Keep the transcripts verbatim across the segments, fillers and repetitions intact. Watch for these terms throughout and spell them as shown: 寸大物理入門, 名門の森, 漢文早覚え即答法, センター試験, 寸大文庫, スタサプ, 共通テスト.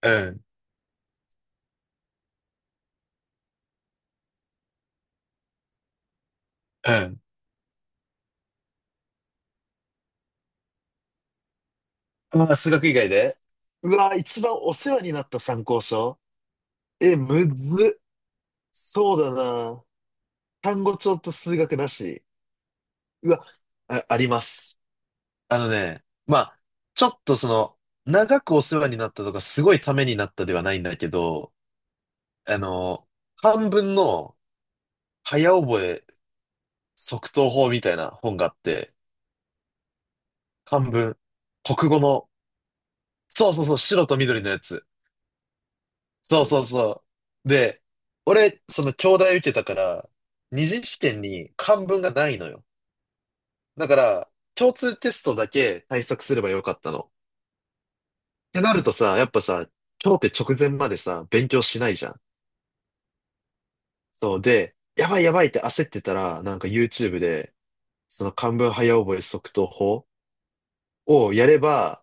うん、うん。ああ、数学以外で。うわ、一番お世話になった参考書。え、むずっ。そうだな。単語帳と数学なし。うわ、あ、あります。あのね、まあ、ちょっとその、長くお世話になったとか、すごいためになったではないんだけど、あの、漢文の早覚え即答法みたいな本があって、漢文、国語の、そうそうそう、白と緑のやつ。そうそうそう。で、俺、その京大受けたから、二次試験に漢文がないのよ。だから、共通テストだけ対策すればよかったの。ってなるとさ、やっぱさ、今日って直前までさ、勉強しないじゃん。そうで、やばいやばいって焦ってたら、なんか YouTube で、その漢文早覚え速答法をやれば、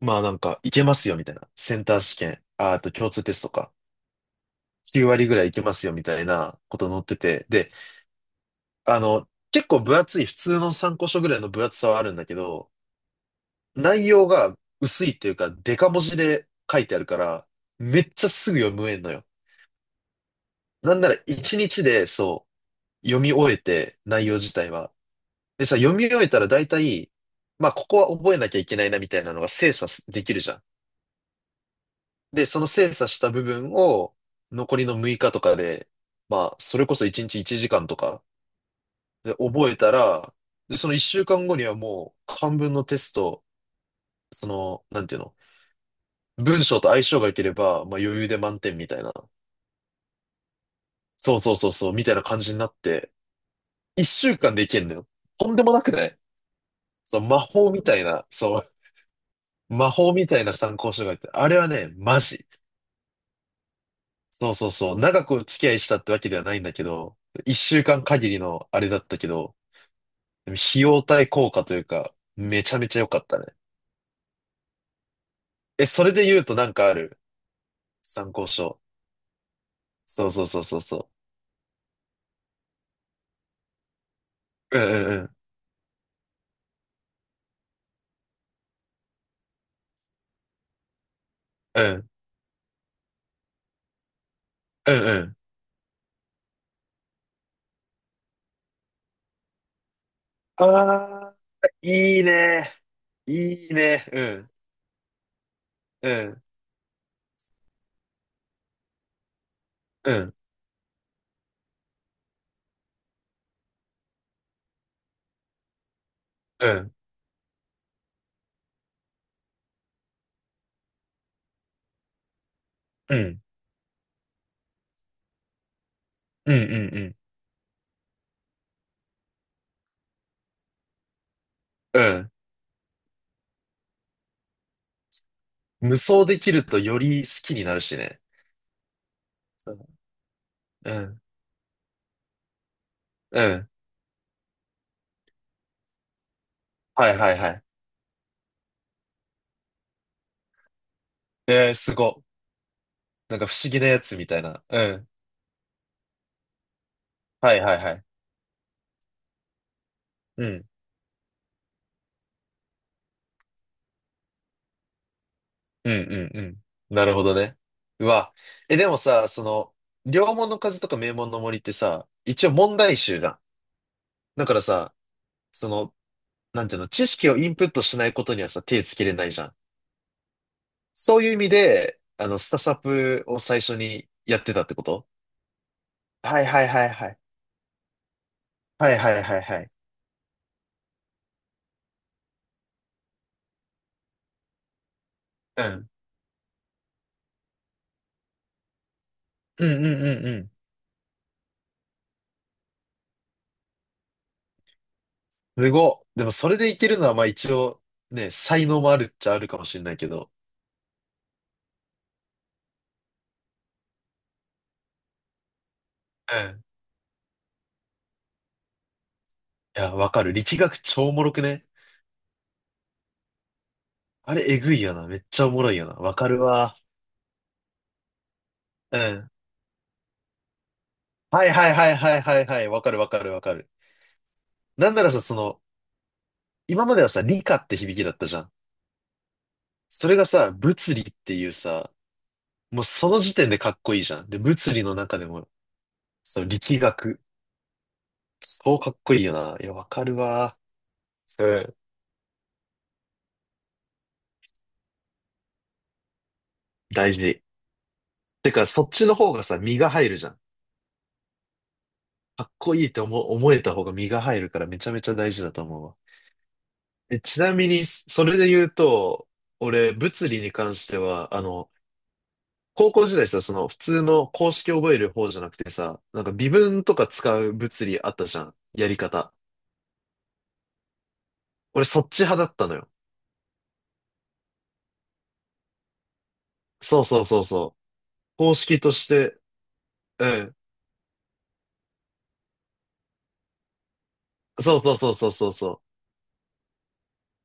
まあなんかいけますよみたいな。センター試験、ああと共通テストか。きゅう割ぐらいいけますよみたいなこと載ってて。で、あの、結構分厚い、普通の参考書ぐらいの分厚さはあるんだけど、内容が薄いっていうか、デカ文字で書いてあるから、めっちゃすぐ読むえんのよ。なんなら一日で、そう、読み終えて、内容自体は。でさ、読み終えたら大体、まあ、ここは覚えなきゃいけないなみたいなのが精査できるじゃん。で、その精査した部分を、残りのむいかとかで、まあ、それこそ一日いちじかんとかで覚えたら、で、そのいっしゅうかんごにはもう、半分のテスト、その、なんていうの、文章と相性が良ければ、まあ余裕で満点みたいな。そうそうそうそう、みたいな感じになって、一週間でいけんのよ。とんでもなくない。そう、魔法みたいな、そう、魔法みたいな参考書があって、あれはね、マジ。そうそうそう、長くお付き合いしたってわけではないんだけど、一週間限りのあれだったけど、でも費用対効果というか、めちゃめちゃ良かったね。え、それで言うとなんかある参考書。そうそうそうそうそう。うんうんうん。うん。うんうん。ああ、いいね。いいね。うん、うん、うん、うん、うん、うん、うん、うん。うん。無双できるとより好きになるしね。うん、うん、うん。はいはいはい。えー、すご。なんか不思議なやつみたいな。うん。はいはいはい。うん、うん、うん、うん。なるほどね。うわ。え、でもさ、その、両門の風とか名門の森ってさ、一応問題集じゃん。だからさ、その、なんていうの、知識をインプットしないことにはさ、手つけれないじゃん。そういう意味で、あの、スタサプを最初にやってたってこと。はいはいはいはい。はいはいはいはい。うん。うんうんうんうん。すごっ。でもそれでいけるのは、まあ一応、ね、才能もあるっちゃあるかもしれないけど。うん。いや、わかる。力学超おもろくね。あれ、えぐいよな。めっちゃおもろいよな。わかるわ。うん。はいはいはいはいはいはい。わかるわかるわかる。なんならさ、その、今まではさ、理科って響きだったじゃん。それがさ、物理っていうさ、もうその時点でかっこいいじゃん。で、物理の中でも、その力学、超かっこいいよな。いや、わかるわ。それ、大事。てか、そっちの方がさ、身が入るじゃん。かっこいいって思、思えた方が身が入るからめちゃめちゃ大事だと思うわ。え、ちなみに、それで言うと、俺、物理に関しては、あの、高校時代さ、その普通の公式覚える方じゃなくてさ、なんか微分とか使う物理あったじゃん。やり方。俺、そっち派だったのよ。そうそうそうそう。公式として、うん。そうそうそうそうそうそう。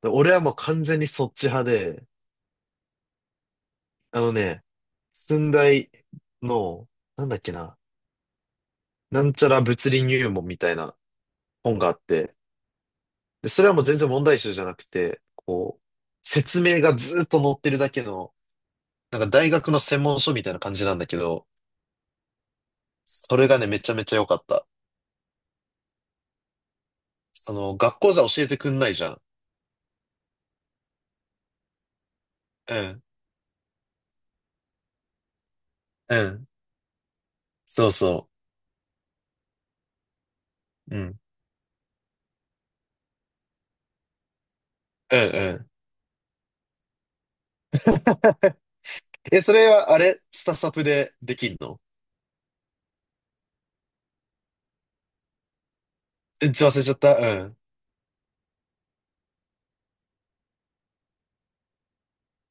で俺はもう完全にそっち派で、あのね、寸大の、なんだっけな、なんちゃら物理入門みたいな本があって、で、それはもう全然問題集じゃなくて、こう、説明がずーっと載ってるだけの、なんか大学の専門書みたいな感じなんだけど、それがね、めちゃめちゃ良かった。その、学校じゃ教えてくんないじゃん。うん、うん、そうそう。うん、うん、うん。え、それはあれ、スタサプでできんの。え忘れちゃった。うん。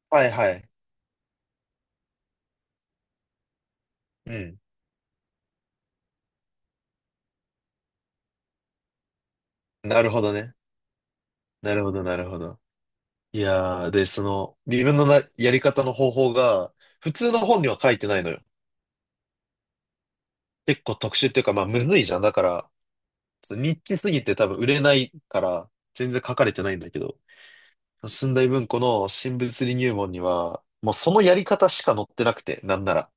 はいはい。うん。なるほどね。なるほど、なるほど。いやー、で、その、自分のな、やり方の方法が、普通の本には書いてないのよ。結構特殊っていうか、まあ、むずいじゃん。だから、そうニッチすぎて多分売れないから、全然書かれてないんだけど、寸大文庫の新物理入門には、もうそのやり方しか載ってなくて、なんなら。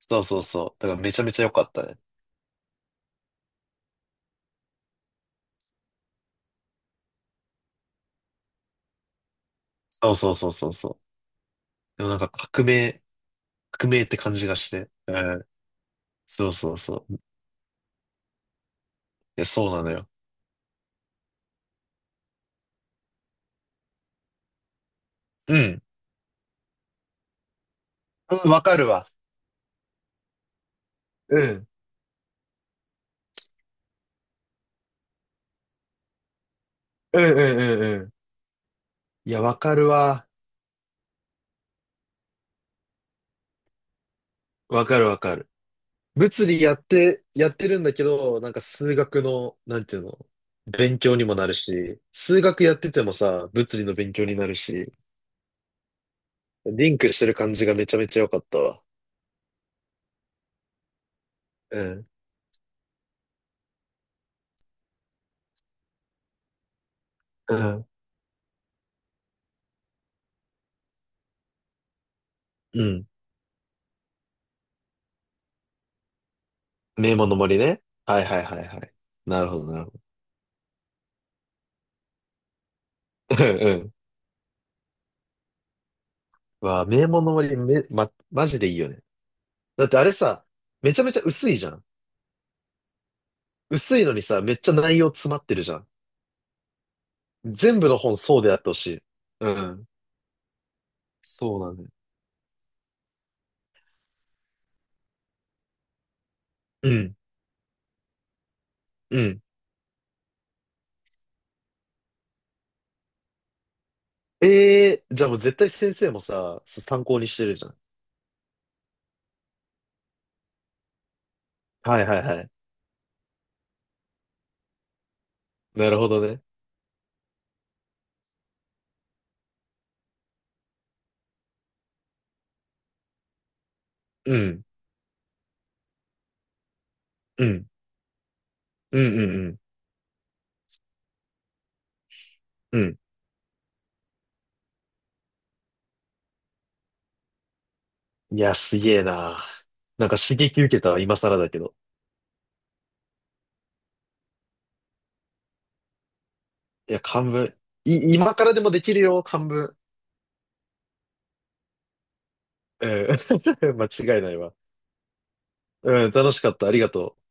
そうそうそう。だからめちゃめちゃ良かったね。そうそうそうそうそう。でもなんか革命、革命って感じがして。うん。そうそうそう。や、そうなのよ。うん。うん、わかるわ。うん。うんうんうんうん。いや、わかるわ。わかるわかる。物理やって、やってるんだけど、なんか数学の、なんていうの、勉強にもなるし、数学やっててもさ、物理の勉強になるし、リンクしてる感じがめちゃめちゃ良かったわ。うん。うん。うん。名門の森ね。はいはいはいはい。なるほどなるほど。うんうん。わあ、名門の森め、ま、マジでいいよね。だってあれさ、めちゃめちゃ薄いじゃん。薄いのにさ、めっちゃ内容詰まってるじゃん。全部の本そうであってほしい。うん。そうなんだね。うん。うん。ええー、じゃあもう絶対先生もさ、参考にしてるじゃん。はいはいはい。なるほどね。うん。うん。うんうんうん。うん。いや、すげえな。なんか刺激受けたわ、今更だけど。いや、漢文。い、今からでもできるよ、漢文。うん。間違いないわ。うん、楽しかった。ありがとう。